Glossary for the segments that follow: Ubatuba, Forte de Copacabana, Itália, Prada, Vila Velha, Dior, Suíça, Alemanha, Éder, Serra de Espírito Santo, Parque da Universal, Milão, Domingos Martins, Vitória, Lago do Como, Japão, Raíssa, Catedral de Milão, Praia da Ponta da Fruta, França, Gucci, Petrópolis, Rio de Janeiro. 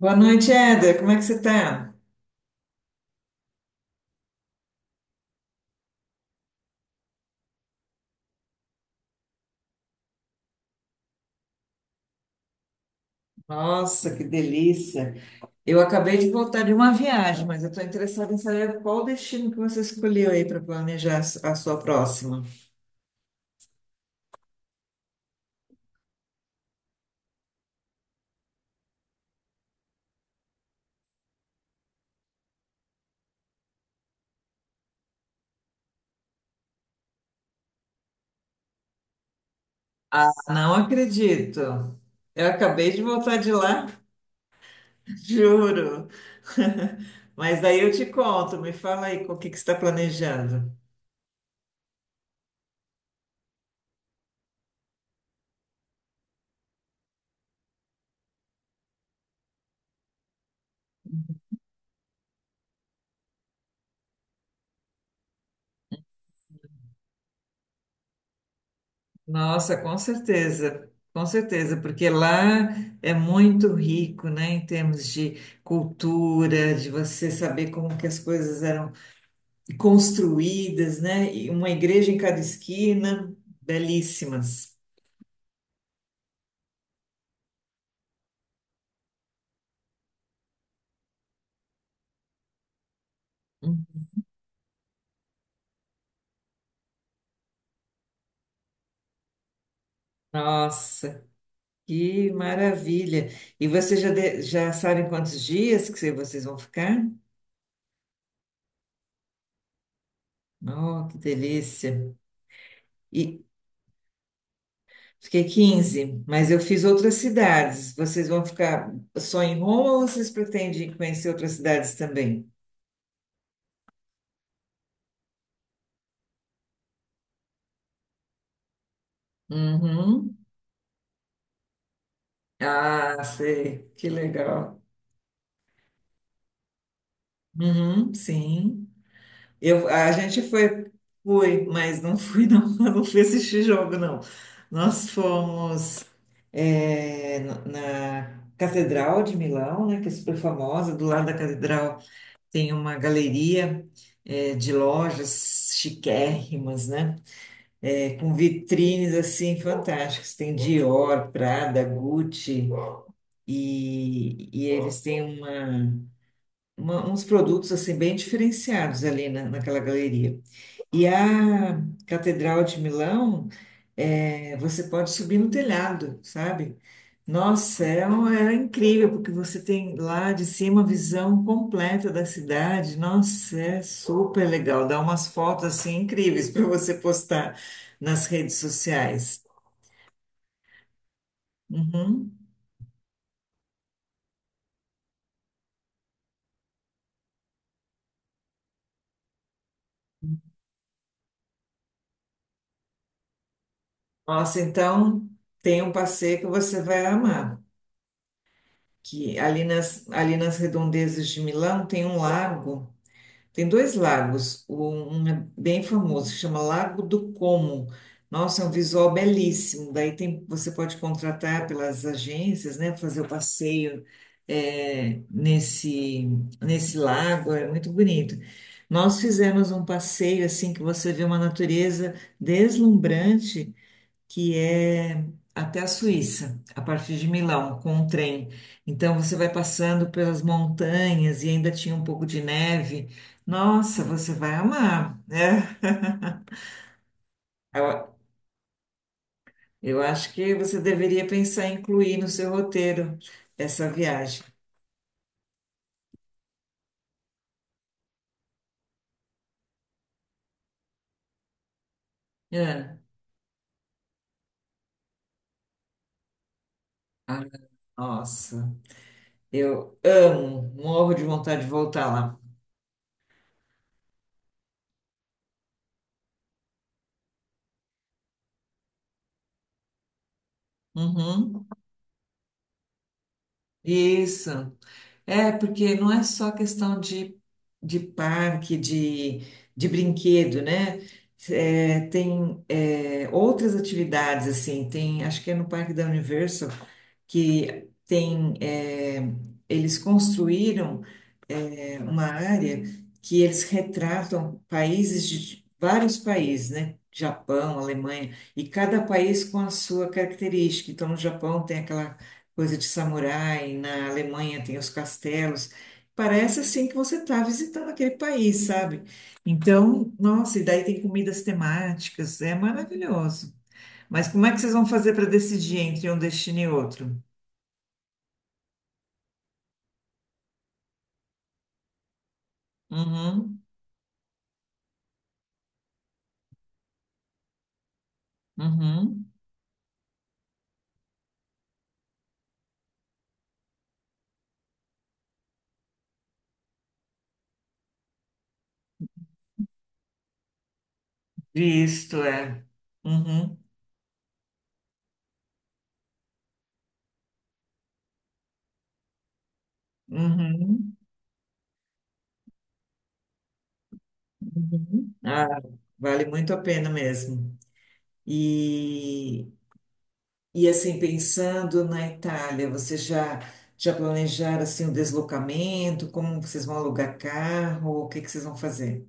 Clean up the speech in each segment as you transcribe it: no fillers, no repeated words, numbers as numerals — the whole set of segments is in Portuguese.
Boa noite, Éder. Como é que você está? Nossa, que delícia! Eu acabei de voltar de uma viagem, mas eu estou interessada em saber qual o destino que você escolheu aí para planejar a sua próxima. Ah, não acredito. Eu acabei de voltar de lá, juro. Mas aí eu te conto. Me fala aí com o que que você está planejando. Nossa, com certeza, porque lá é muito rico, né, em termos de cultura, de você saber como que as coisas eram construídas, né, e uma igreja em cada esquina, belíssimas. Nossa, que maravilha! E vocês já, de- já sabem quantos dias que vocês vão ficar? Oh, que delícia! E, fiquei 15, mas eu fiz outras cidades. Vocês vão ficar só em Roma ou vocês pretendem conhecer outras cidades também? Uhum. Ah, sei. Que legal. Uhum, sim. A gente foi, fui, mas não fui, não, eu não fui assistir jogo, não. Nós fomos é, na Catedral de Milão, né, que é super famosa. Do lado da catedral tem uma galeria é, de lojas chiquérrimas, né? É, com vitrines assim fantásticas. Tem Dior, Prada, Gucci e eles têm uma- uns produtos assim bem diferenciados naquela galeria. E a Catedral de Milão, é, você pode subir no telhado, sabe? Nossa, é, era incrível, porque você tem lá de cima a visão completa da cidade. Nossa, é super legal. Dá umas fotos assim incríveis para você postar nas redes sociais. Uhum. Nossa, então tem um passeio que você vai amar. Que ali nas redondezas de Milão tem um lago. Tem dois lagos, um é bem famoso, se chama Lago do Como. Nossa, é um visual belíssimo. Daí tem, você pode contratar pelas agências, né, fazer o passeio é, nesse lago, é muito bonito. Nós fizemos um passeio assim que você vê uma natureza deslumbrante, que é até a Suíça, a partir de Milão, com um trem. Então você vai passando pelas montanhas e ainda tinha um pouco de neve. Nossa, você vai amar, né? Eu eu acho que você deveria pensar em incluir no seu roteiro essa viagem. É. Ah, nossa, eu amo, morro de vontade de voltar lá. Uhum. Isso. É, porque não é só questão de parque, de brinquedo, né? É, tem é, outras atividades, assim, tem, acho que é no Parque da Universal que tem, é, eles construíram uma área que eles retratam países de vários países, né? Japão, Alemanha, e cada país com a sua característica. Então, no Japão tem aquela coisa de samurai, na Alemanha tem os castelos. Parece assim que você está visitando aquele país, sabe? Então, nossa, e daí tem comidas temáticas, é maravilhoso. Mas como é que vocês vão fazer para decidir entre um destino e outro? Uhum, uhum. Visto, é. Uhum. Uhum, uhum. Ah, vale muito a pena mesmo. E, e assim, pensando na Itália, você já, já planejaram assim, o deslocamento? Como vocês vão alugar carro? O que que vocês vão fazer?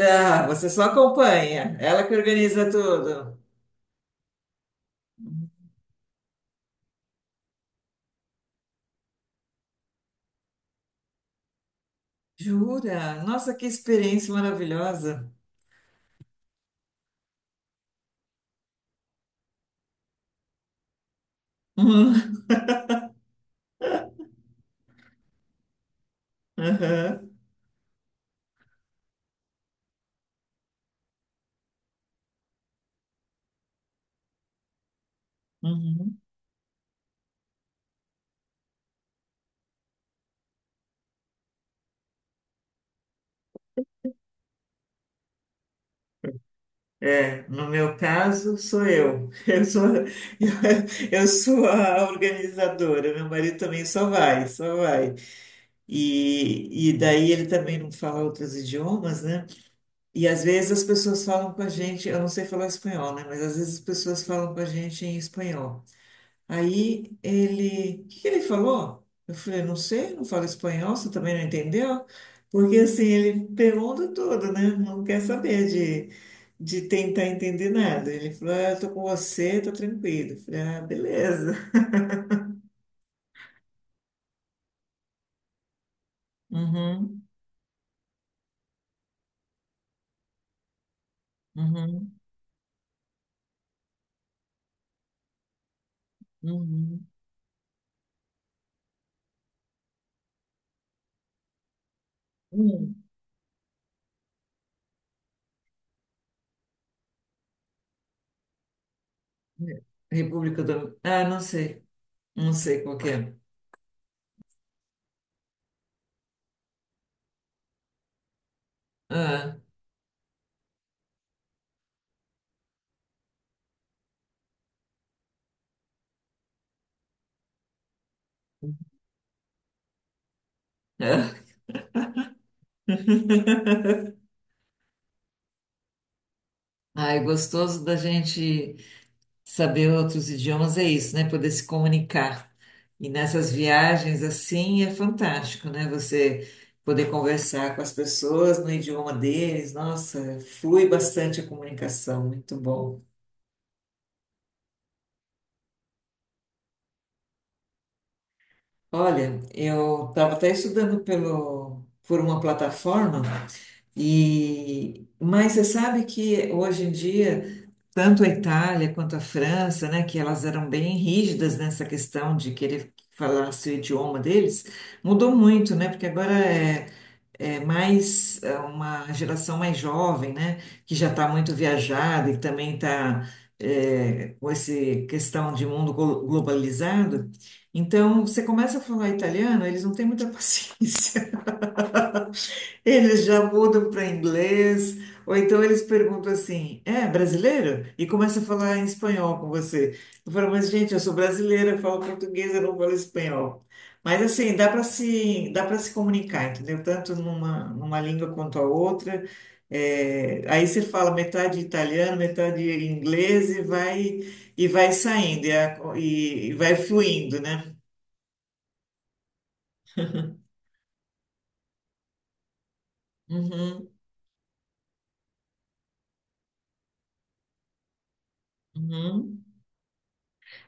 Ah, você só acompanha. Ela que organiza tudo. Jura? Nossa, que experiência maravilhosa. Uhum. Aham. Uhum. É, no meu caso, sou eu. Eu sou, eu sou a organizadora. Meu marido também só vai, só vai. E daí ele também não fala outros idiomas, né? E às vezes as pessoas falam com a gente, eu não sei falar espanhol, né? Mas às vezes as pessoas falam com a gente em espanhol. Aí ele, o que que ele falou? Eu falei, não sei, não falo espanhol, você também não entendeu? Porque assim, ele pergunta tudo, né? Não quer saber de tentar entender nada. Ele falou, ah, eu tô com você, tô tranquilo. Eu falei, ah, beleza. Uhum, uhum, uhum. Hum. República do... Ah, não sei, não sei qual que é. Ah, é. Ai, gostoso da gente. Saber outros idiomas é isso, né? Poder se comunicar. E nessas viagens, assim, é fantástico, né? Você poder conversar com as pessoas no idioma deles. Nossa, flui bastante a comunicação, muito bom. Olha, eu estava até estudando por uma plataforma. E, mas você sabe que hoje em dia, tanto a Itália quanto a França, né, que elas eram bem rígidas nessa questão de querer falar o idioma deles, mudou muito, né? Porque agora é, é mais é, uma geração mais jovem, né, que já está muito viajada e também está com essa questão de mundo globalizado. Então, você começa a falar italiano, eles não têm muita paciência. Eles já mudam para inglês, ou então eles perguntam assim: é brasileiro? E começa a falar em espanhol com você. Eu falo, mas gente, eu sou brasileira, eu falo português, eu não falo espanhol. Mas assim, dá para se comunicar, entendeu? Tanto numa, numa língua quanto a outra. É, aí você fala metade italiano, metade inglês e vai saindo, e vai fluindo, né? Uhum, uhum.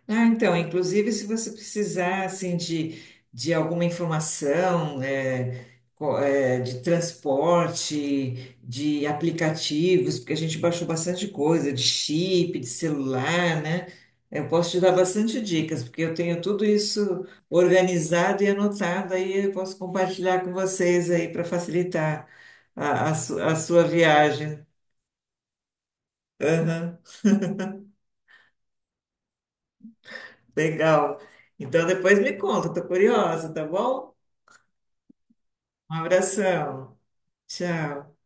Ah, então, inclusive se você precisar assim de alguma informação eh, de transporte, de aplicativos, porque a gente baixou bastante coisa, de chip, de celular, né? Eu posso te dar bastante dicas, porque eu tenho tudo isso organizado e anotado, aí eu posso compartilhar com vocês aí para facilitar a sua viagem. Aham, legal. Então depois me conta, estou curiosa, tá bom? Um abração. Tchau.